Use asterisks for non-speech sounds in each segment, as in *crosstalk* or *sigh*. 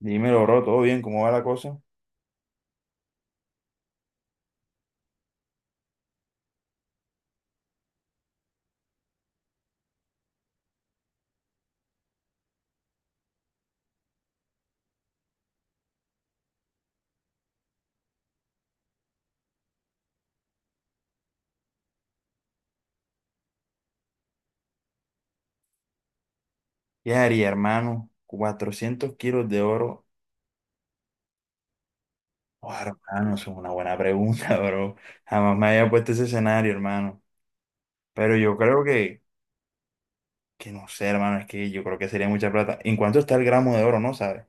Dímelo, bro, ¿todo bien? ¿Cómo va la cosa? ¿Qué haría, hermano? 400 kilos de oro. Oh, hermano, eso es una buena pregunta, *laughs* bro. Jamás me había puesto ese escenario, hermano. Pero yo creo que, no sé, hermano, es que yo creo que sería mucha plata. ¿En cuánto está el gramo de oro, no sabes?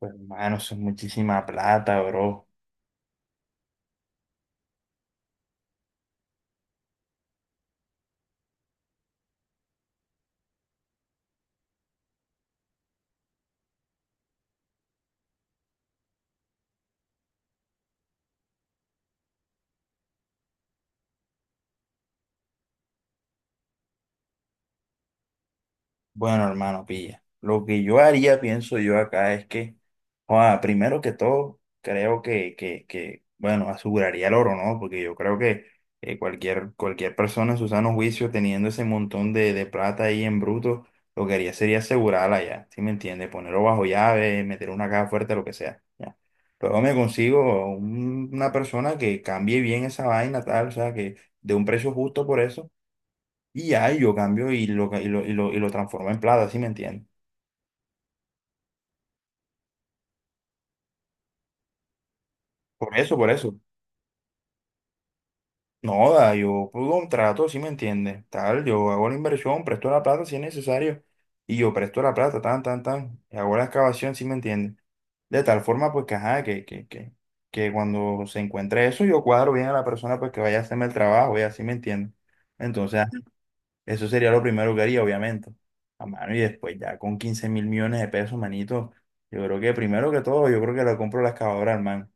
Pues, hermano, eso es muchísima plata, bro. Bueno, hermano, pilla. Lo que yo haría, pienso yo acá, es que, joda, primero que todo, creo que bueno, aseguraría el oro, ¿no? Porque yo creo que cualquier persona en su sano juicio, teniendo ese montón de plata ahí en bruto, lo que haría sería asegurarla ya, ¿sí me entiende? Ponerlo bajo llave, meter una caja fuerte, lo que sea, ya. Luego me consigo una persona que cambie bien esa vaina, tal, o sea, que de un precio justo por eso y ya y yo cambio y lo, ca- y lo, y lo, y lo transformo en plata, ¿sí me entiendes? Por eso, por eso. No, da, yo por contrato, ¿sí me entiendes? Tal, yo hago la inversión, presto la plata si es necesario. Y yo presto la plata, tan, tan, tan, y hago la excavación, ¿sí me entiendes? De tal forma, pues, que, ajá, que cuando se encuentre eso, yo cuadro bien a la persona, pues, que vaya a hacerme el trabajo, ya, ¿sí me entiendes? Entonces, eso sería lo primero que haría, obviamente. A mano y después ya con 15.000 millones de pesos, manito. Yo creo que primero que todo, yo creo que le compro la excavadora al man.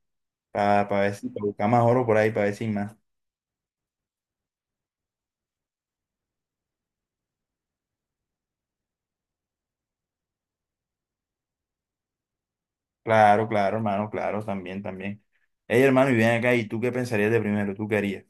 Para ver si, pa buscar más oro por ahí, para ver si hay más. Claro, claro, hermano, claro, también, también. Ey, hermano, y ven acá, ¿y tú qué pensarías de primero? ¿Tú qué harías?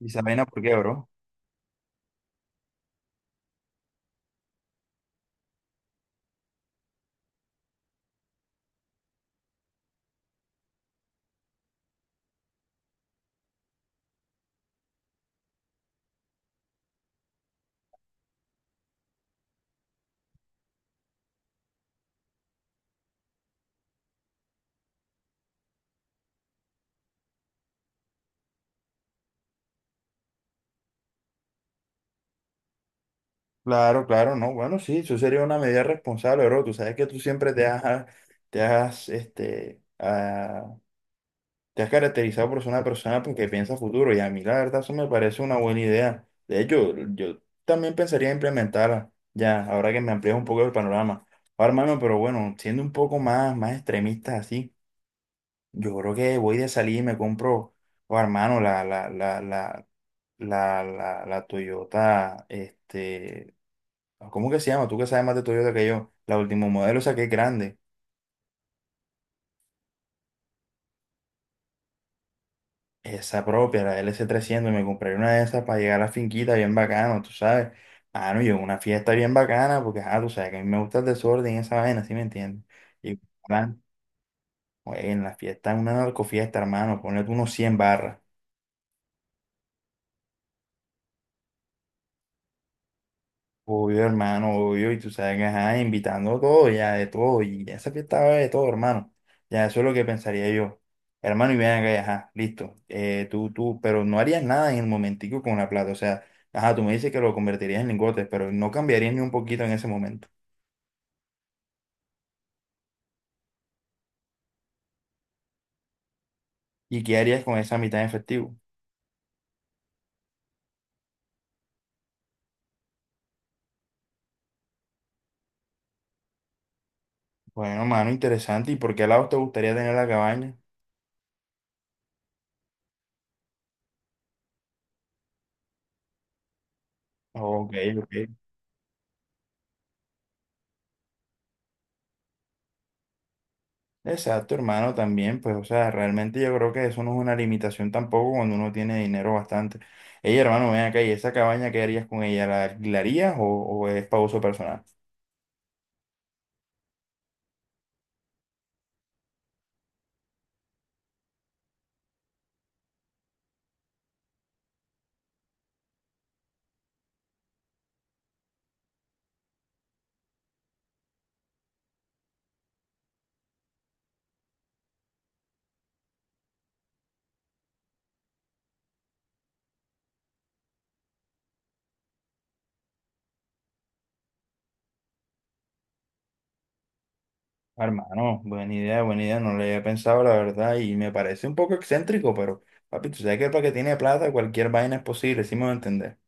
¿Y esa vaina por qué, bro? Claro, claro, no. Bueno, sí, eso sería una medida responsable, bro. Tú sabes que tú siempre te has, este, te has caracterizado por ser una persona porque piensa futuro y a mí la verdad eso me parece una buena idea. De hecho, yo también pensaría implementarla ya, ahora que me amplías un poco el panorama. Ahora, hermano, pero bueno, siendo un poco más extremista así, yo creo que voy de salir y me compro, oh, hermano, la Toyota, ¿cómo que se llama? Tú que sabes más de Toyota que yo, la último modelo, o sea, que es grande. Esa propia, la LC300, me compré una de esas para llegar a la finquita bien bacano, tú sabes. Ah, no, yo en una fiesta bien bacana, porque, ah, tú sabes que a mí me gusta el desorden y esa vaina, ¿sí me entiendes? Y, plan, oye, en la fiesta, una narcofiesta, hermano, ponle tú unos 100 barras. Obvio, hermano, obvio, y tú sabes que, ajá, invitando a todo, ya de todo, y esa fiesta va a haber de todo, hermano. Ya eso es lo que pensaría yo. Hermano, y ven acá, y ajá, listo. Tú, pero no harías nada en el momentico con la plata, o sea, ajá, tú me dices que lo convertirías en lingotes, pero no cambiarías ni un poquito en ese momento. ¿Y qué harías con esa mitad en efectivo? Bueno, hermano, interesante, ¿y por qué lado te gustaría tener la cabaña? Ok, ok. Exacto, hermano, también, pues, o sea, realmente yo creo que eso no es una limitación tampoco cuando uno tiene dinero bastante. Ey, hermano, ven acá, ¿y esa cabaña qué harías con ella? ¿La alquilarías o es para uso personal? Hermano, buena idea, no lo había pensado, la verdad, y me parece un poco excéntrico, pero, papi, tú sabes que para que tiene plata cualquier vaina es posible, sí me voy a entender.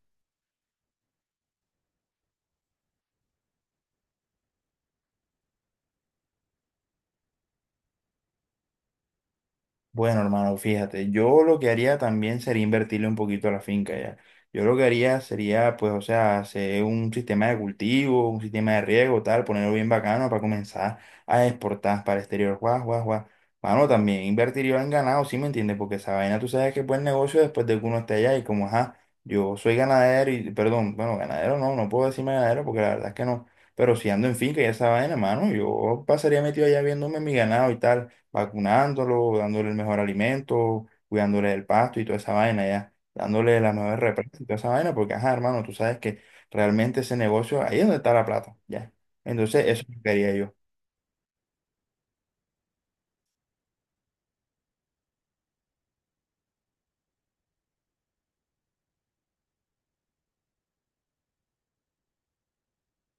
Bueno, hermano, fíjate, yo lo que haría también sería invertirle un poquito a la finca ya. Yo lo que haría sería, pues, o sea, hacer un sistema de cultivo, un sistema de riego, tal, ponerlo bien bacano para comenzar a exportar para el exterior. Guau, guau, guau. Mano, también invertiría en ganado, ¿sí me entiendes? Porque esa vaina tú sabes que es buen negocio después de que uno esté allá y como, ajá, yo soy ganadero y, perdón, bueno, ganadero no, no puedo decirme ganadero porque la verdad es que no. Pero si ando en finca y esa vaina, mano, yo pasaría metido allá viéndome mi ganado y tal vacunándolo, dándole el mejor alimento, cuidándole del pasto y toda esa vaina, ya, dándole las mejores represas y toda esa vaina, porque, ajá, hermano, tú sabes que realmente ese negocio, ahí es donde está la plata, ya. Entonces, eso es lo que quería yo.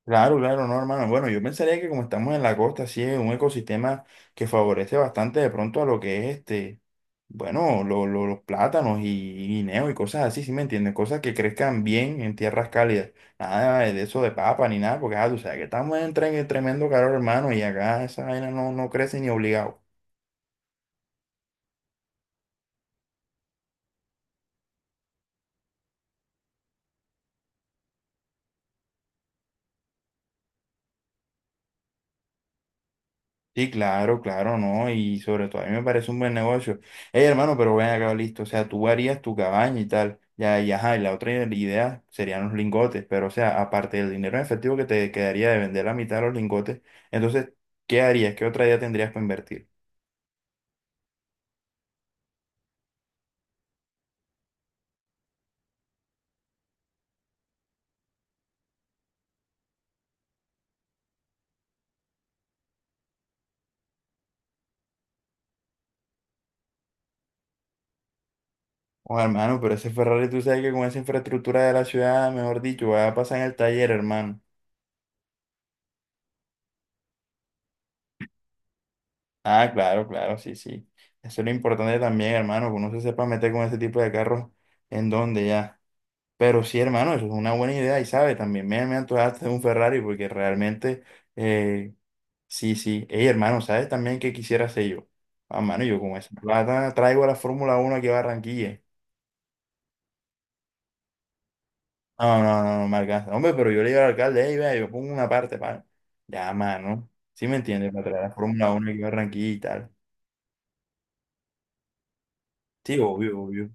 Claro, claro, no, hermano. Bueno, yo pensaría que como estamos en la costa, sí es un ecosistema que favorece bastante de pronto a lo que es este, bueno, los plátanos y guineos y cosas así, ¿sí me entiendes? Cosas que crezcan bien en tierras cálidas. Nada de eso de papa ni nada, porque ah, tú sabes que estamos en tremendo calor, hermano, y acá esa vaina no, no crece ni obligado. Sí, claro, claro, ¿no? Y sobre todo a mí me parece un buen negocio. Hey, hermano, pero ven acá, listo. O sea, tú harías tu cabaña y tal. Ya, ya, ajá, y la otra idea serían los lingotes. Pero, o sea, aparte del dinero en efectivo que te quedaría de vender la mitad de los lingotes, entonces, ¿qué harías? ¿Qué otra idea tendrías para invertir? Oh, hermano, pero ese Ferrari, tú sabes que con esa infraestructura de la ciudad, mejor dicho, va a pasar en el taller, hermano. Ah, claro, claro, sí, sí. Eso es lo importante también, hermano, que uno se sepa meter con ese tipo de carros en donde ya. Pero sí, hermano, eso es una buena idea y sabe, también me antojaste de un Ferrari porque realmente, eh, sí, sí. Ey, hermano, ¿sabes también qué quisiera hacer yo? Ah, mano, yo con esa plata traigo la Fórmula Uno aquí a Barranquilla. No, no, no, no me alcanza. Hombre, pero yo le digo al alcalde, ey, vea, yo pongo una parte para... Ya, mano, sí me entiendes, para traer la Fórmula Uno aquí a Barranquilla y tal. Sí, obvio, obvio.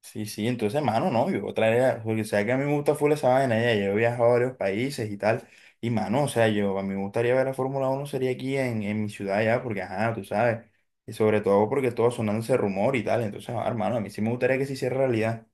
Sí, sí, entonces, mano no, yo traería, porque sabes que a mí me gusta full esa vaina, ya, yo he viajado a varios países y tal, y mano, o sea, yo, a mí me gustaría ver la Fórmula uno sería aquí en mi ciudad ya, porque ajá, tú sabes, y sobre todo porque todo sonando ese rumor y tal, entonces, ah, hermano, a mí sí me gustaría que se hiciera realidad.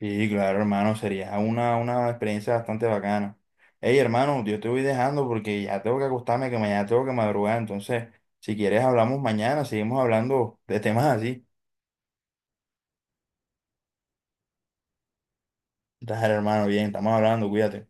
Sí, claro, hermano, sería una experiencia bastante bacana. Hey, hermano, yo te voy dejando porque ya tengo que acostarme, que mañana tengo que madrugar, entonces, si quieres hablamos mañana, seguimos hablando de temas así. Dale, hermano, bien, estamos hablando, cuídate.